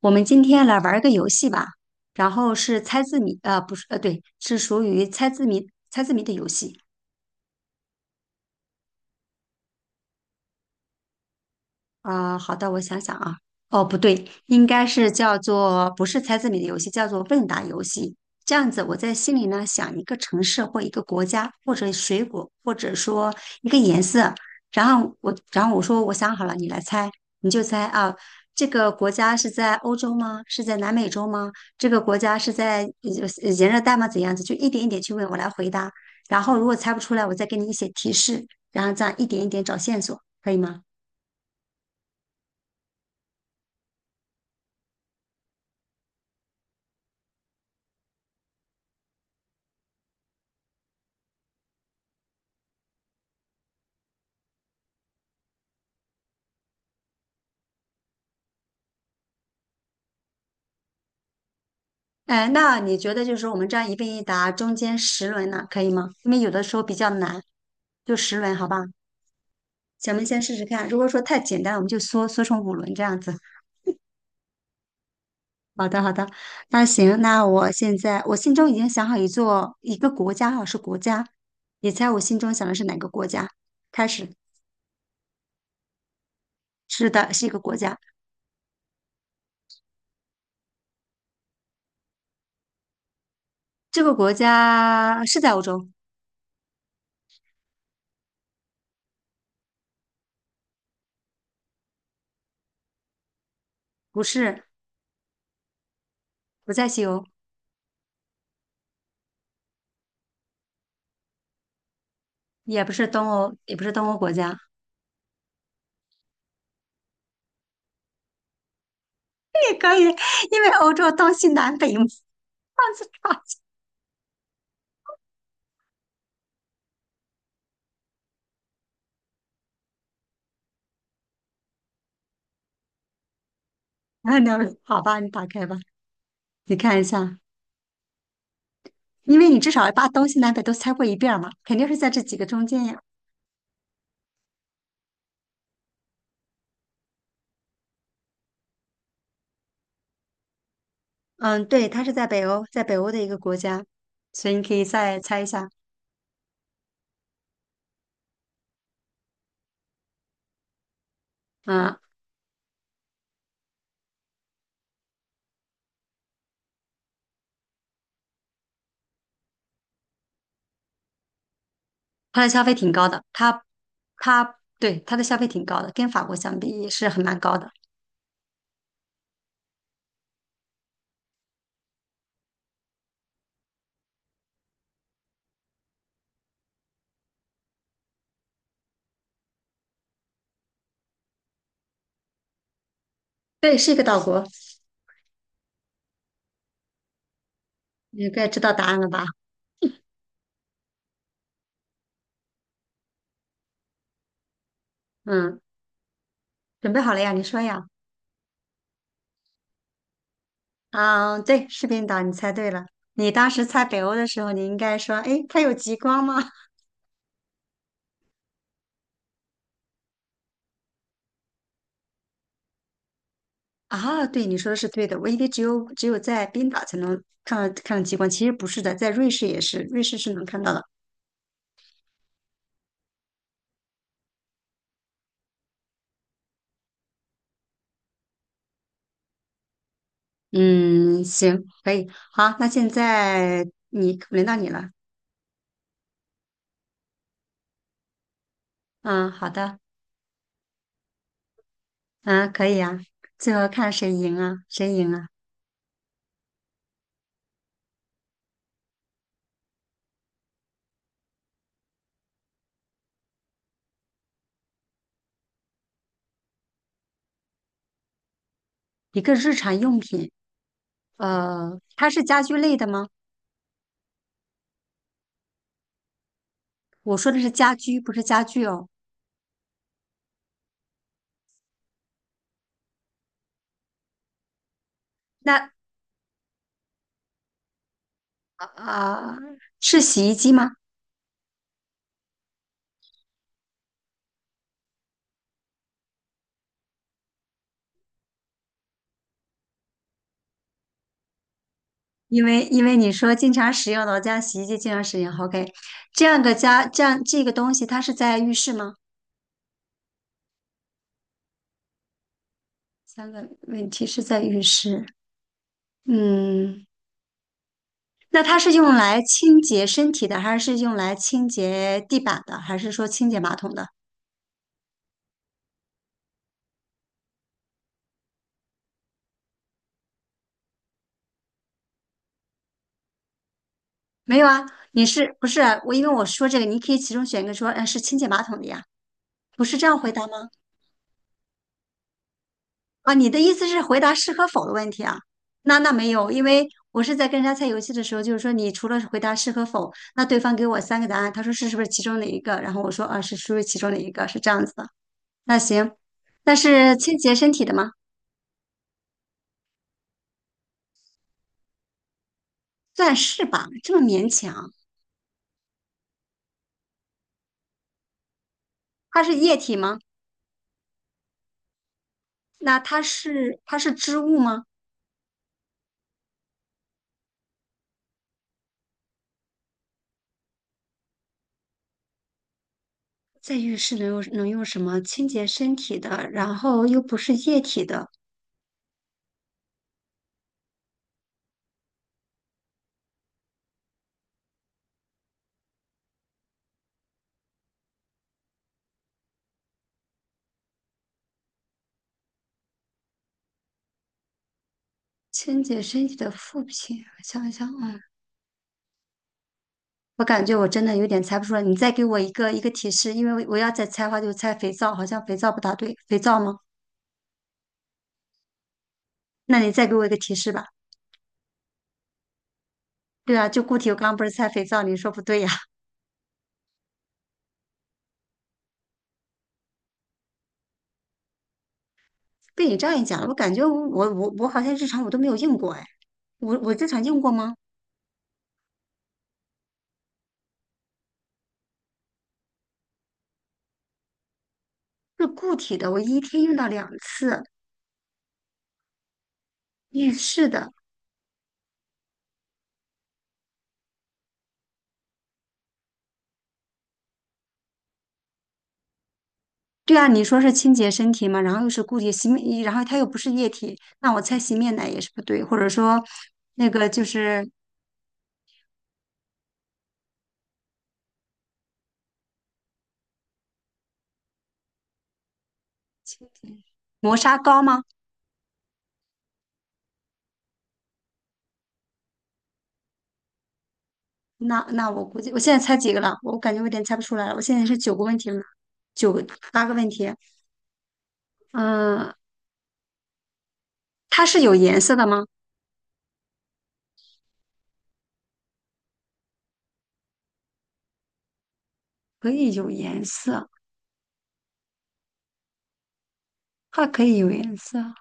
我们今天来玩儿个游戏吧，然后是猜字谜，呃，不是，呃，对，是属于猜字谜猜字谜的游戏。啊、好的，我想想啊，哦，不对，应该是叫做不是猜字谜的游戏，叫做问答游戏。这样子，我在心里呢想一个城市或一个国家，或者水果，或者说一个颜色，然后我说我想好了，你来猜，你就猜啊，这个国家是在欧洲吗？是在南美洲吗？这个国家是在炎热带吗？怎样子？就一点一点去问，我来回答。然后如果猜不出来，我再给你一些提示，然后这样一点一点找线索，可以吗？哎，那你觉得就是我们这样一问一答，中间十轮呢，可以吗？因为有的时候比较难，就十轮，好吧？咱们先试试看，如果说太简单，我们就缩成5轮这样子。好的，好的，那行，那我现在我心中已经想好一个国家哈，是国家，你猜我心中想的是哪个国家？开始，是的，是一个国家，这个国家是在欧洲，不是，不在西欧，也不是东欧，也不是东欧国家，也可以，因为欧洲东西南北嘛。那好吧，你打开吧，你看一下，因为你至少把东西南北都猜过一遍儿嘛，肯定是在这几个中间呀。嗯，对，它是在北欧，在北欧的一个国家，所以你可以再猜一下。嗯，它的消费挺高的，它对它的消费挺高的，跟法国相比也是很蛮高的。对，是一个岛国，你该知道答案了吧？嗯，准备好了呀？你说呀？嗯，对，是冰岛，你猜对了。你当时猜北欧的时候，你应该说，诶，它有极光吗？啊，对，你说的是对的。我以为只有在冰岛才能看到极光，其实不是的，在瑞士也是，瑞士是能看到的。嗯，行，可以，好，那现在你轮到你了。嗯，好的，嗯，可以啊。最后看谁赢啊？谁赢啊？一个日常用品，呃，它是家居类的吗？我说的是家居，不是家具哦。那啊、呃是洗衣机吗？因为你说经常使用的，我家洗衣机经常使用。OK,这样个家这样这个东西，它是在浴室吗？3个问题是在浴室。嗯，那它是用来清洁身体的，还是用来清洁地板的，还是说清洁马桶的？没有啊，你是不是啊我？因为我说这个，你可以其中选一个说，呃，是清洁马桶的呀，不是这样回答吗？啊，你的意思是回答是和否的问题啊？那那没有，因为我是在跟人家猜游戏的时候，就是说你除了回答是和否，那对方给我3个答案，他说是是不是其中哪一个？然后我说啊是属于其中哪一个，是这样子的。那行，那是清洁身体的吗？算是吧，这么勉强。它是液体吗？那它是织物吗？在浴室能用什么清洁身体的？然后又不是液体的，清洁身体的副品，我想一想，嗯。我感觉我真的有点猜不出来，你再给我一个提示，因为我要再猜的话就猜肥皂，好像肥皂不大对，肥皂吗？那你再给我一个提示吧。对啊，就固体，我刚刚不是猜肥皂，你说不对呀、被你这样一讲，我感觉我好像日常我都没有用过哎，我日常用过吗？是固体的，我一天用到两次，浴室的。对啊，你说是清洁身体嘛，然后又是固体洗面，然后它又不是液体，那我猜洗面奶也是不对，或者说那个就是清洁磨砂膏吗？那那我估计我现在猜几个了？我感觉我有点猜不出来了。我现在是九个问题了，九个8个问题。嗯、它是有颜色的吗？可以有颜色，它可以有颜色。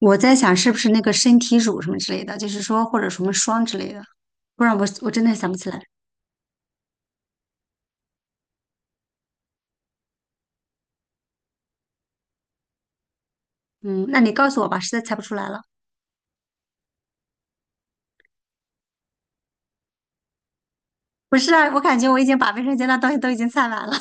我在想是不是那个身体乳什么之类的，就是说或者什么霜之类的，不然我真的想不起来。嗯，那你告诉我吧，实在猜不出来了。不是啊，我感觉我已经把卫生间的东西都已经猜完了。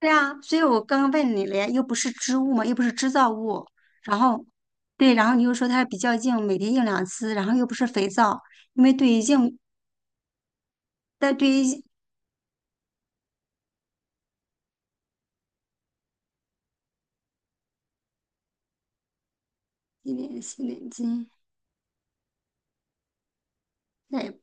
对啊，所以我刚刚问你了呀，又不是织物嘛，又不是织造物，然后，对，然后你又说它比较硬，每天用两次，然后又不是肥皂，因为对于硬，但对于洗脸巾，那也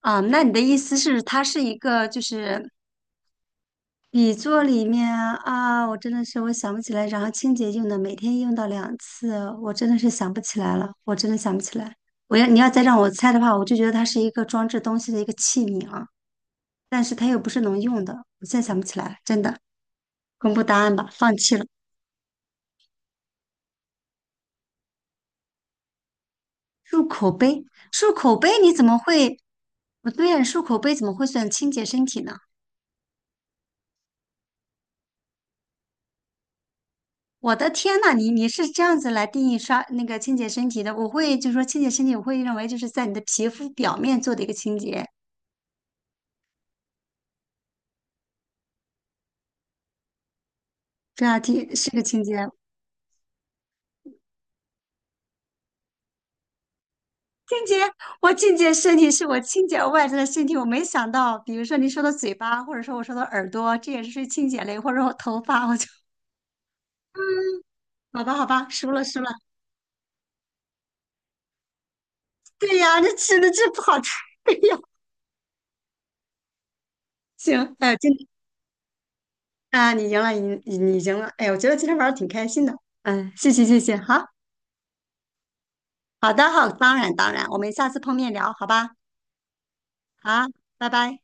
啊，那你的意思是它是一个就是底座里面啊，啊我真的是我想不起来，然后清洁用的，每天用到两次，我真的是想不起来了，我真的想不起来。你要再让我猜的话，我就觉得它是一个装置东西的一个器皿啊。但是它又不是能用的，我现在想不起来了，真的。公布答案吧，放弃了。漱口杯，漱口杯你怎么会？不对呀，漱口杯怎么会算清洁身体呢？我的天呐，你是这样子来定义刷那个清洁身体的？我会就是说清洁身体，我会认为就是在你的皮肤表面做的一个清洁，这道题是个清洁。清洁，我清洁身体是我清洁外在的身体，我没想到，比如说你说的嘴巴，或者说我说的耳朵，这也是清洁类，或者我头发，好吧好吧，输了输了。对呀，这吃的这不好吃。哎呀，行，哎，今天啊，你赢了，你赢了。哎，我觉得今天玩的挺开心的。嗯，谢谢谢谢，好，当然当然，我们下次碰面聊，好吧？好，拜拜。